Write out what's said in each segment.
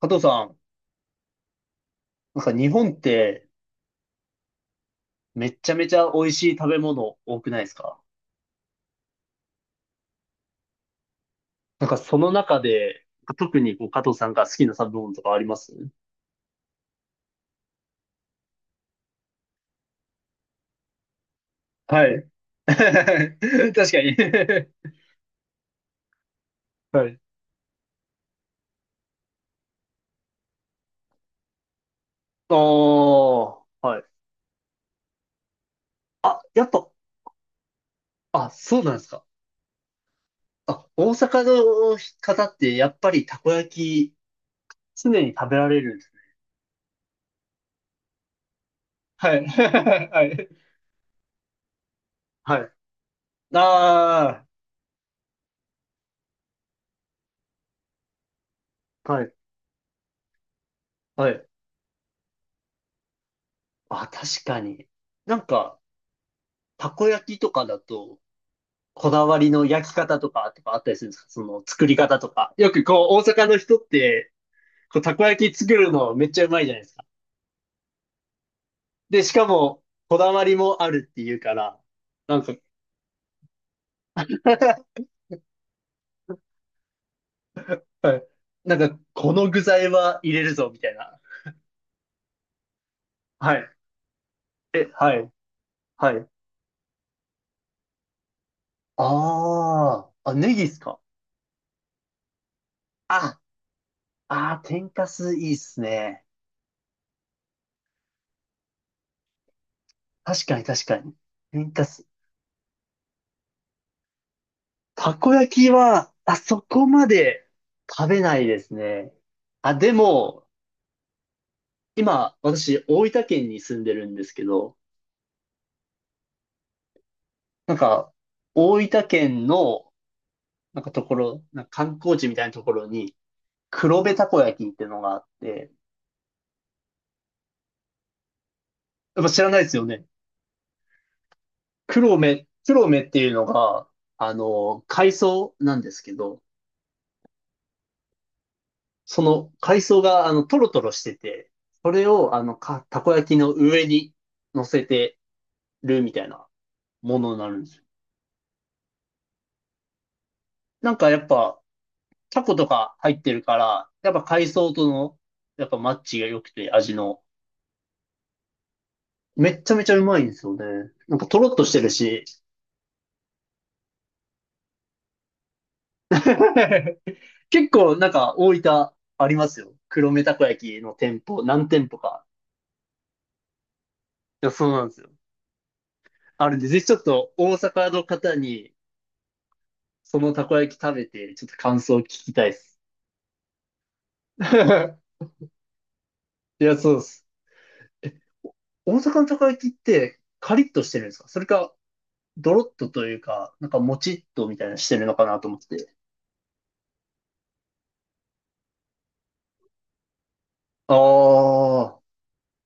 加藤さん、日本ってめっちゃめちゃ美味しい食べ物多くないですか？その中で、特に加藤さんが好きな食べ物とかあります？はい。確かに。はい。おー、はい。あ、やっぱ。あ、そうなんですか。あ、大阪の方ってやっぱりたこ焼き常に食べられるんです？はい。はい。はい。ああ、はい。はい。あ、確かに。なんか、たこ焼きとかだと、こだわりの焼き方とか、とかあったりするんですか？その作り方とか。よく大阪の人って、たこ焼き作るのめっちゃうまいじゃないですか。で、しかも、こだわりもあるっていうから、なんか、はい。この具材は入れるぞ、みたいな。はい。え、はい。はい。ああ、あ、ネギっすか？あ、あー、天かすいいっすね。確かに確かに。天かす。たこ焼きは、あそこまで食べないですね。あ、でも、今、私、大分県に住んでるんですけど、なんか、大分県の、ところ、観光地みたいなところに、黒部たこ焼きっていうのがあって、やっぱ知らないですよね。黒目っていうのが、海藻なんですけど、その海藻が、トロトロしてて、それを、たこ焼きの上に乗せてるみたいな。ものになるんですよ。なんかやっぱ、タコとか入ってるから、やっぱ海藻との、やっぱマッチが良くて、味の。めっちゃめちゃうまいんですよね。なんかとろっとしてるし。結構大分ありますよ。黒目たこ焼きの店舗、何店舗か。いや、そうなんですよ。あるんで、ぜひちょっと大阪の方に、そのたこ焼き食べて、ちょっと感想を聞きたいです。いや、そうです。大阪のたこ焼きって、カリッとしてるんですか？それか、ドロッとというか、なんかもちっとみたいなしてるのかなと思って。ああ、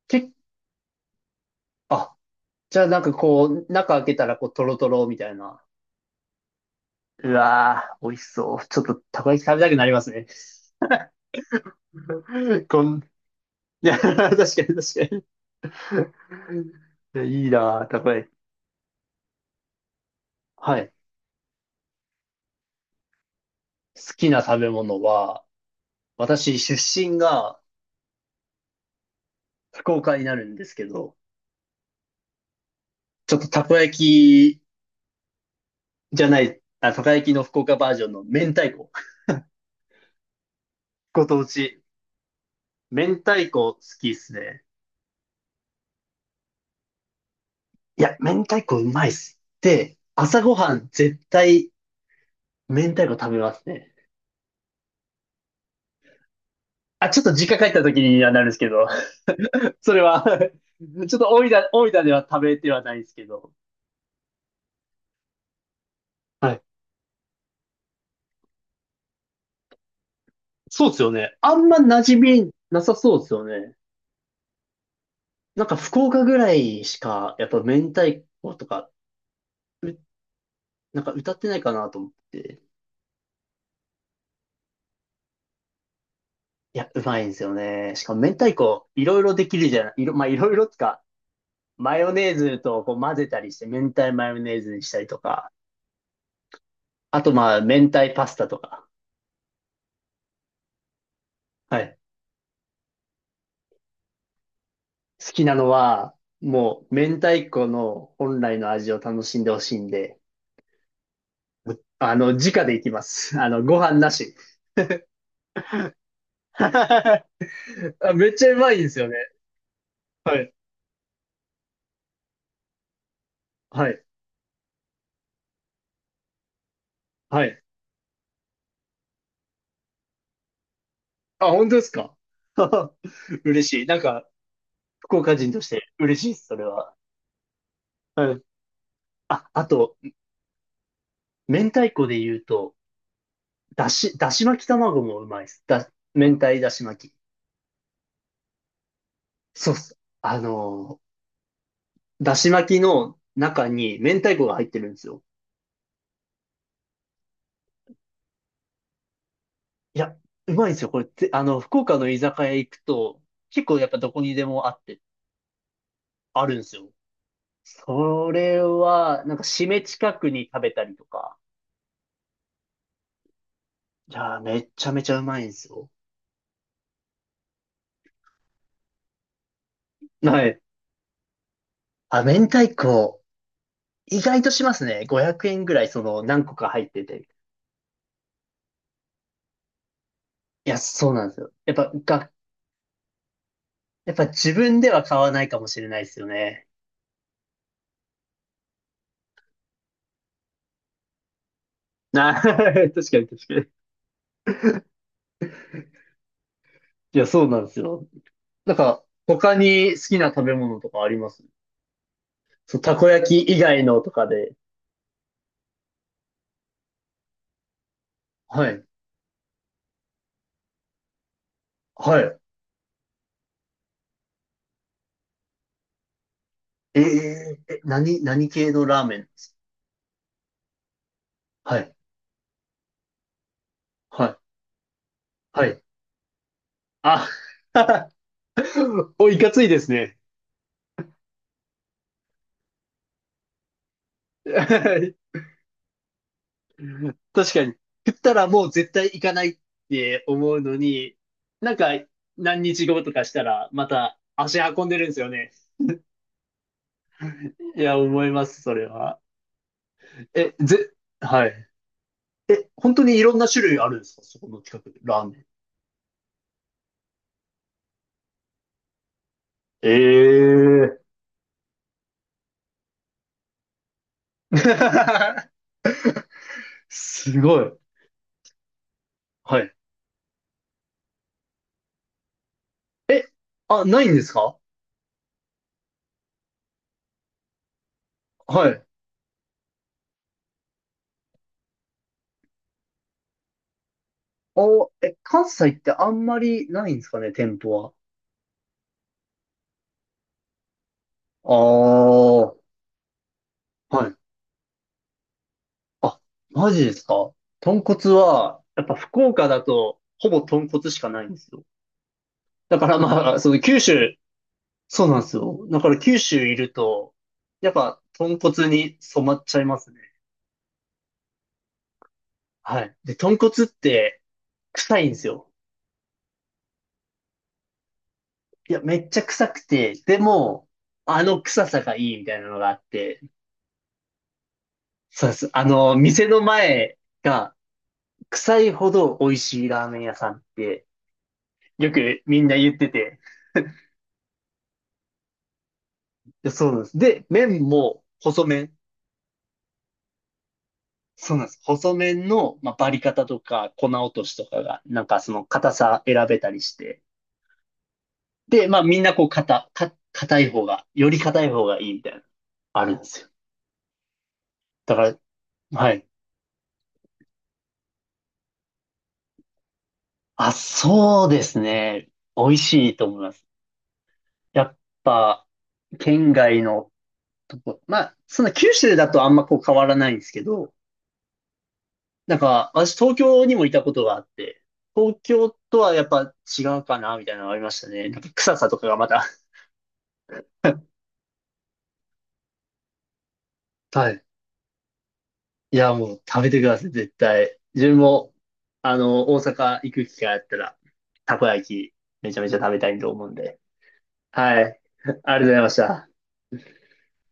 け、あ、じゃあなんかこう、中開けたらこう、トロトロみたいな。うわー、美味しそう。ちょっとたこ焼き食べたくなりますね。こん、いや、確かに確かに。いやいいなー、たこ焼き。はい。好きな食べ物は、私、出身が福岡になるんですけど、ちょっとたこ焼きじゃない、あ、たこ焼きの福岡バージョンの明太子。ご当地。明太子好きっすね。いや、明太子うまいっす。で、朝ごはん絶対明太子食べますね。あ、ちょっと実家帰った時にはなるんですけど、それは ちょっと大分では食べてはないんですけど。はい。そうっすよね。あんま馴染みなさそうっすよね。なんか福岡ぐらいしか、やっぱ明太子とか、う、なんか歌ってないかなと思って。いや、うまいんですよね。しかも明太子、いろいろできるじゃない、いろ、まあいろいろっすか、マヨネーズとこう混ぜたりして、明太マヨネーズにしたりとか、あとまあ、明太パスタとか。はい。好きなのは、もう、明太子の本来の味を楽しんでほしいんで、直でいきます。ご飯なし。あ、めっちゃうまいんですよね。はい。はい。はい。あ、本当ですか？ 嬉しい。なんか、福岡人として嬉しいです、それは。はい。あ、あと、明太子で言うと、だし巻き卵もうまいです。明太だし巻き。そうっす。あのー、だし巻きの中に明太子が入ってるんですよ。いや、うまいんですよ。これって、福岡の居酒屋行くと、結構やっぱどこにでもあって、あるんですよ。それは、なんか締め近くに食べたりとか。いやー、めっちゃめちゃうまいんですよ。はい。あ、明太子、意外としますね。500円ぐらい、その、何個か入ってて。いや、そうなんですよ。やっぱ自分では買わないかもしれないですよね。あ、確かに確かに。いや、そうなんですよ。なんか、他に好きな食べ物とかあります？そう、たこ焼き以外のとかで。はい。はい。えええ、何系のラーメン？はい。はい。はい。あ、お、いかついですね。確かに。食ったらもう絶対行かないって思うのに、なんか何日後とかしたらまた足運んでるんですよね。いや、思います、それは。え、ぜ、はい。え、本当にいろんな種類あるんですか？そこの近くで、ラーメン。ええー。 すごい。はい。え、あ、ないんですか？はい。え、関西ってあんまりないんですかね、店舗は。ああ、はい。あ、マジですか？豚骨は、やっぱ福岡だと、ほぼ豚骨しかないんですよ。だからまあ、その九州、そうなんですよ。だから九州いると、やっぱ豚骨に染まっちゃいますね。はい。で、豚骨って臭いんですよ。いや、めっちゃ臭くて、でも、あの臭さがいいみたいなのがあって、そうです。店の前が臭いほど美味しいラーメン屋さんって、よくみんな言ってて。で、そうなんです。で、麺も細麺。そうなんです。細麺の、まあ、バリ方とか粉落としとかが、なんかその硬さ選べたりして、で、まあみんなこう硬い方が、より硬い方がいいみたいな、あるんですよ。だから、はい。あ、そうですね。美味しいと思います。やっぱ、県外のとこ、まあ、そんな九州だとあんまこう変わらないんですけど、なんか、私東京にもいたことがあって、東京とはやっぱ違うかな、みたいなのがありましたね。なんか臭さとかがまた。はい。いや、もう食べてください、絶対。自分も、大阪行く機会あったら、たこ焼き、めちゃめちゃ食べたいと思うんで。はい。ありがとうございました。